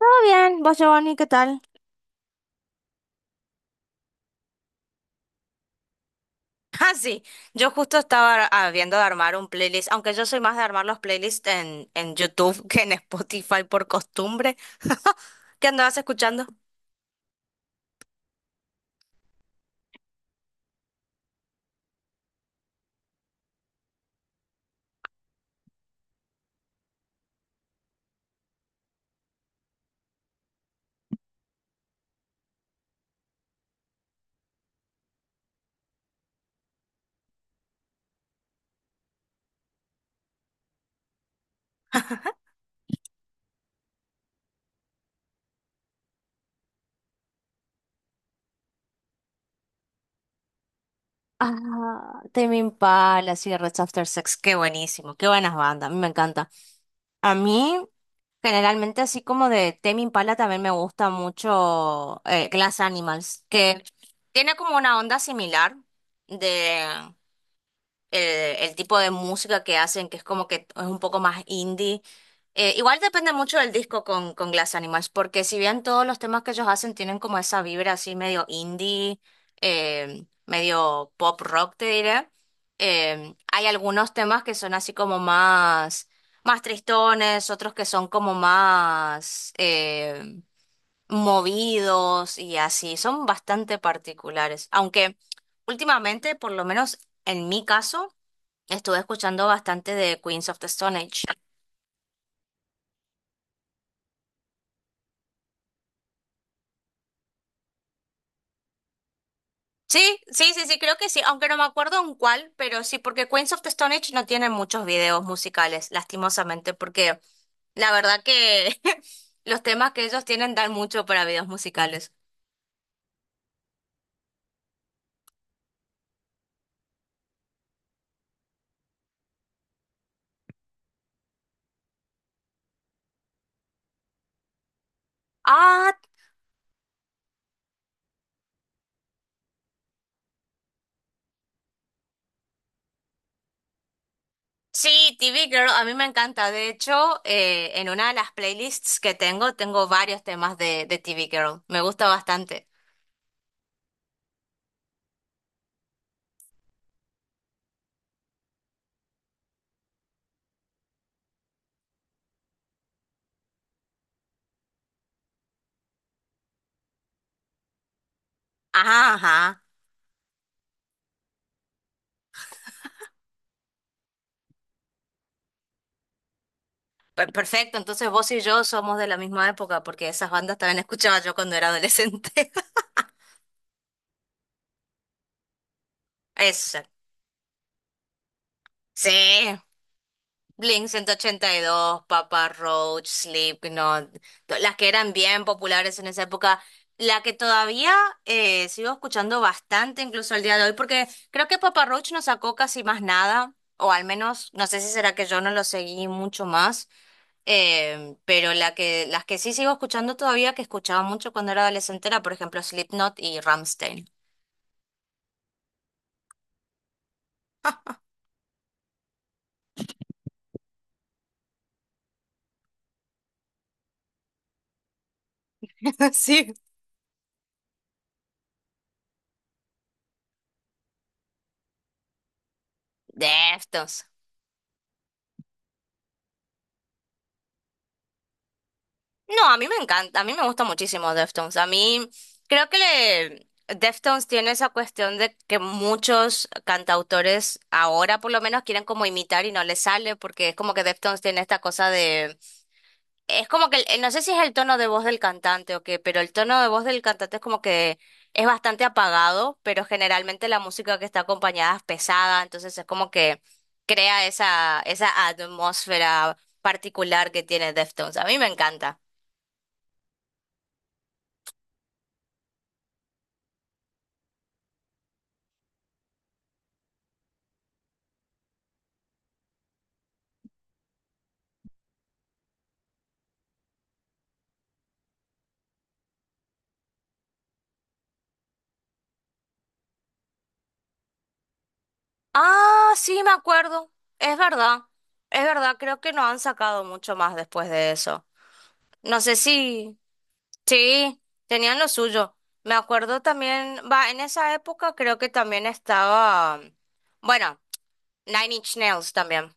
Todo bien, vos Giovanni, ¿qué tal? Ah, sí, yo justo estaba viendo de armar un playlist, aunque yo soy más de armar los playlists en YouTube que en Spotify por costumbre. ¿Qué andabas escuchando? Ah, Tame Impala, sí, Red After Sex, qué buenísimo, qué buenas bandas, a mí me encanta. A mí, generalmente, así como de Tame Impala, también me gusta mucho Glass Animals, que tiene como una onda similar de el tipo de música que hacen, que es como que es un poco más indie. Igual depende mucho del disco con Glass Animals, porque si bien todos los temas que ellos hacen tienen como esa vibra así medio indie, medio pop rock, te diré, hay algunos temas que son así como más, más tristones, otros que son como más, movidos y así, son bastante particulares, aunque últimamente, por lo menos en mi caso, estuve escuchando bastante de Queens of the Stone Age. Sí, sí, sí, sí, creo que sí, aunque no me acuerdo en cuál, pero sí, porque Queens of the Stone Age no tiene muchos videos musicales, lastimosamente, porque la verdad que los temas que ellos tienen dan mucho para videos musicales. Ah, sí, TV Girl, a mí me encanta. De hecho, en una de las playlists que tengo, tengo varios temas de TV Girl. Me gusta bastante. Ajá. Perfecto, entonces vos y yo somos de la misma época porque esas bandas también escuchaba yo cuando era adolescente. Esa. Sí, Blink ciento ochenta y dos, Papa Roach, Slipknot, las que eran bien populares en esa época, la que todavía sigo escuchando bastante incluso al día de hoy porque creo que Papa Roach no sacó casi más nada, o al menos no sé si será que yo no lo seguí mucho más. Pero las que sí sigo escuchando todavía, que escuchaba mucho cuando era adolescente, era por ejemplo Slipknot y Rammstein. Sí. Deftones. No, a mí me encanta, a mí me gusta muchísimo Deftones. A mí creo que Deftones tiene esa cuestión de que muchos cantautores ahora por lo menos quieren como imitar y no les sale porque es como que Deftones tiene esta cosa. Es como que, no sé si es el tono de voz del cantante o qué, pero el tono de voz del cantante es como que es bastante apagado, pero generalmente la música que está acompañada es pesada, entonces es como que crea esa atmósfera particular que tiene Deftones. A mí me encanta. Ah, sí, me acuerdo. Es verdad. Es verdad, creo que no han sacado mucho más después de eso. No sé si... Sí, tenían lo suyo. Me acuerdo también, va, en esa época creo que también estaba, bueno, Nine Inch Nails también.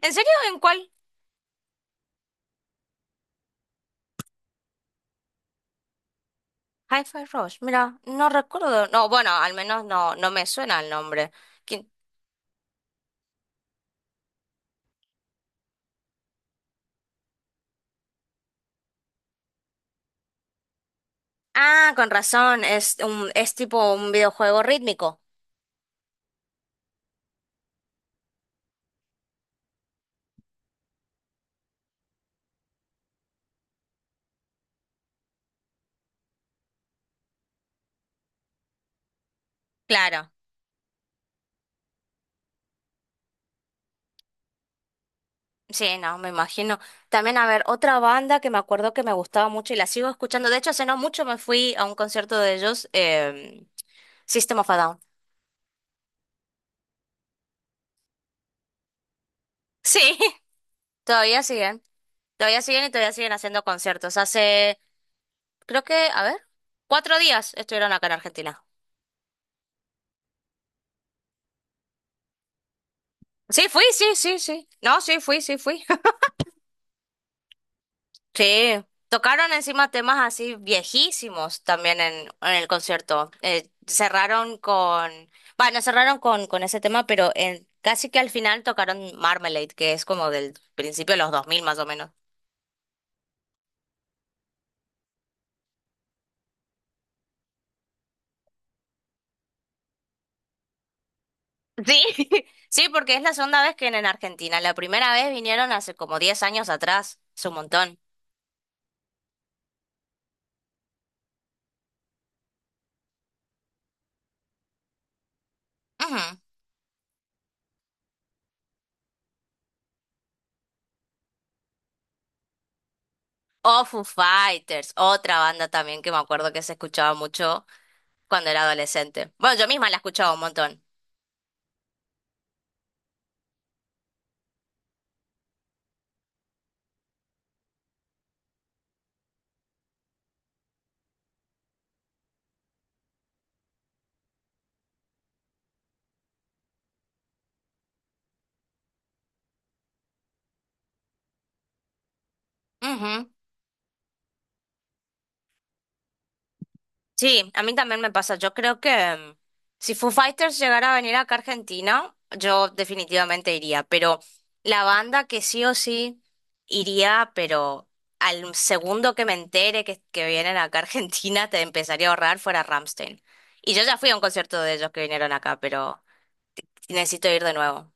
¿En serio? ¿En cuál? Hi-Fi Rush, mira, no recuerdo. No, bueno, al menos no, no me suena el nombre. ¿Quién? Ah, con razón, es es tipo un videojuego rítmico. Claro. Sí, no, me imagino. También, a ver, otra banda que me acuerdo que me gustaba mucho y la sigo escuchando. De hecho, hace no mucho me fui a un concierto de ellos, System of a Down. Sí. Todavía siguen, todavía siguen y todavía siguen haciendo conciertos. Hace, creo que, a ver, cuatro días estuvieron acá en Argentina. Sí, fui, sí, sí, sí. No, sí, fui, sí, fui. Sí. Tocaron encima temas así viejísimos también en el concierto. Cerraron con, bueno, cerraron con ese tema, pero en, casi que al final tocaron Marmalade, que es como del principio de los 2000 más o menos. Sí, sí, porque es la segunda vez que vienen a Argentina. La primera vez vinieron hace como 10 años atrás. Es un montón. Ujú. O Foo Fighters, otra banda también que me acuerdo que se escuchaba mucho cuando era adolescente. Bueno, yo misma la escuchaba un montón. Ujú. Sí, a mí también me pasa. Yo creo que si Foo Fighters llegara a venir acá a Argentina, yo definitivamente iría. Pero la banda que sí o sí iría, pero al segundo que me entere que vienen acá a Argentina, te empezaría a ahorrar fuera Ramstein. Y yo ya fui a un concierto de ellos que vinieron acá, pero necesito ir de nuevo.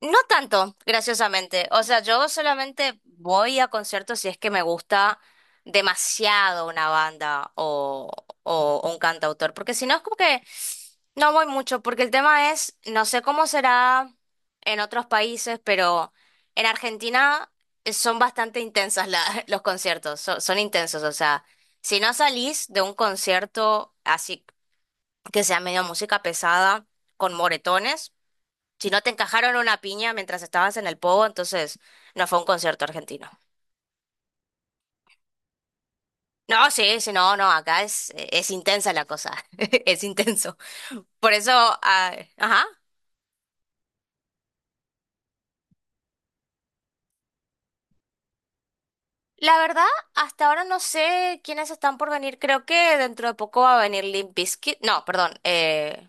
No tanto, graciosamente. O sea, yo solamente voy a conciertos si es que me gusta demasiado una banda o un cantautor, porque si no es como que no voy mucho, porque el tema es, no sé cómo será en otros países, pero en Argentina son bastante intensas los conciertos, son intensos. O sea, si no salís de un concierto así que sea medio música pesada, con moretones. Si no te encajaron una piña mientras estabas en el pogo, entonces no fue un concierto argentino. No, sí, sí, no, no, acá es intensa la cosa, es intenso. Por eso, ah, ajá. La verdad, hasta ahora no sé quiénes están por venir. Creo que dentro de poco va a venir Limp Bizkit. No, perdón.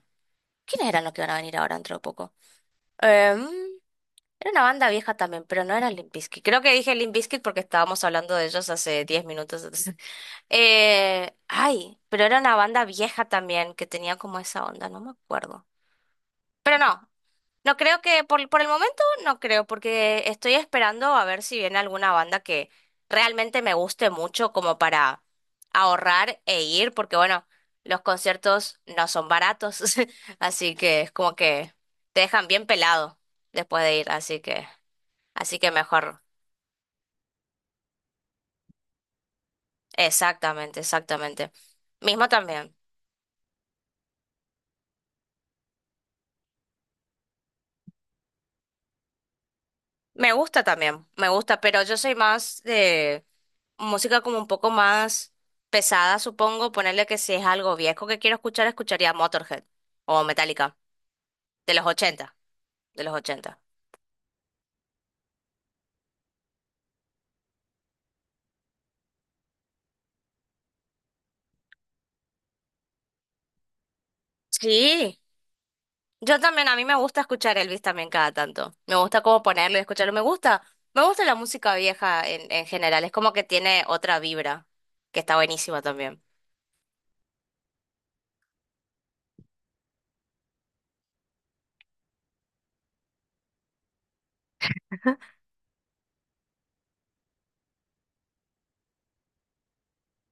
¿Quiénes eran los que van a venir ahora dentro de poco? Em, Era una banda vieja también, pero no era Limp Bizkit. Creo que dije Limp Bizkit porque estábamos hablando de ellos hace 10 minutos. Ay, pero era una banda vieja también que tenía como esa onda, no me acuerdo. Pero no, no creo que, por el momento no creo, porque estoy esperando a ver si viene alguna banda que realmente me guste mucho como para ahorrar e ir, porque bueno, los conciertos no son baratos, así que es como que te dejan bien pelado después de ir, así que mejor. Exactamente, exactamente. Mismo también. Me gusta también, me gusta, pero yo soy más de música como un poco más pesada, supongo. Ponerle que si es algo viejo que quiero escuchar, escucharía Motorhead o Metallica, de los 80, de los 80. Sí, yo también, a mí me gusta escuchar Elvis también cada tanto. Me gusta como ponerlo y escucharlo. Me gusta la música vieja en general, es como que tiene otra vibra, que está buenísima también.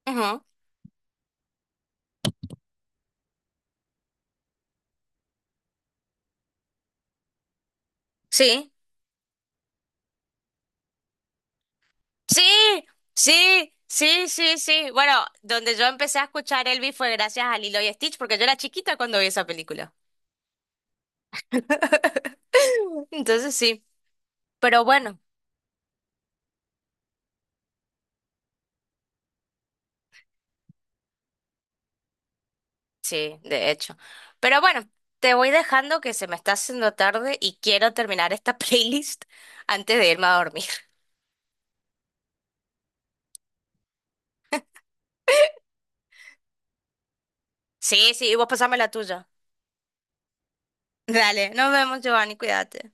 Ujú. Sí. Sí, sí, sí, sí, sí. Bueno, donde yo empecé a escuchar Elvis fue gracias a Lilo y Stitch, porque yo era chiquita cuando vi esa película. Entonces sí, pero bueno, sí, de hecho. Pero bueno, te voy dejando que se me está haciendo tarde y quiero terminar esta playlist antes de irme a dormir. Sí, sí, y vos pasame la tuya. Dale, nos vemos, Giovanni, cuídate.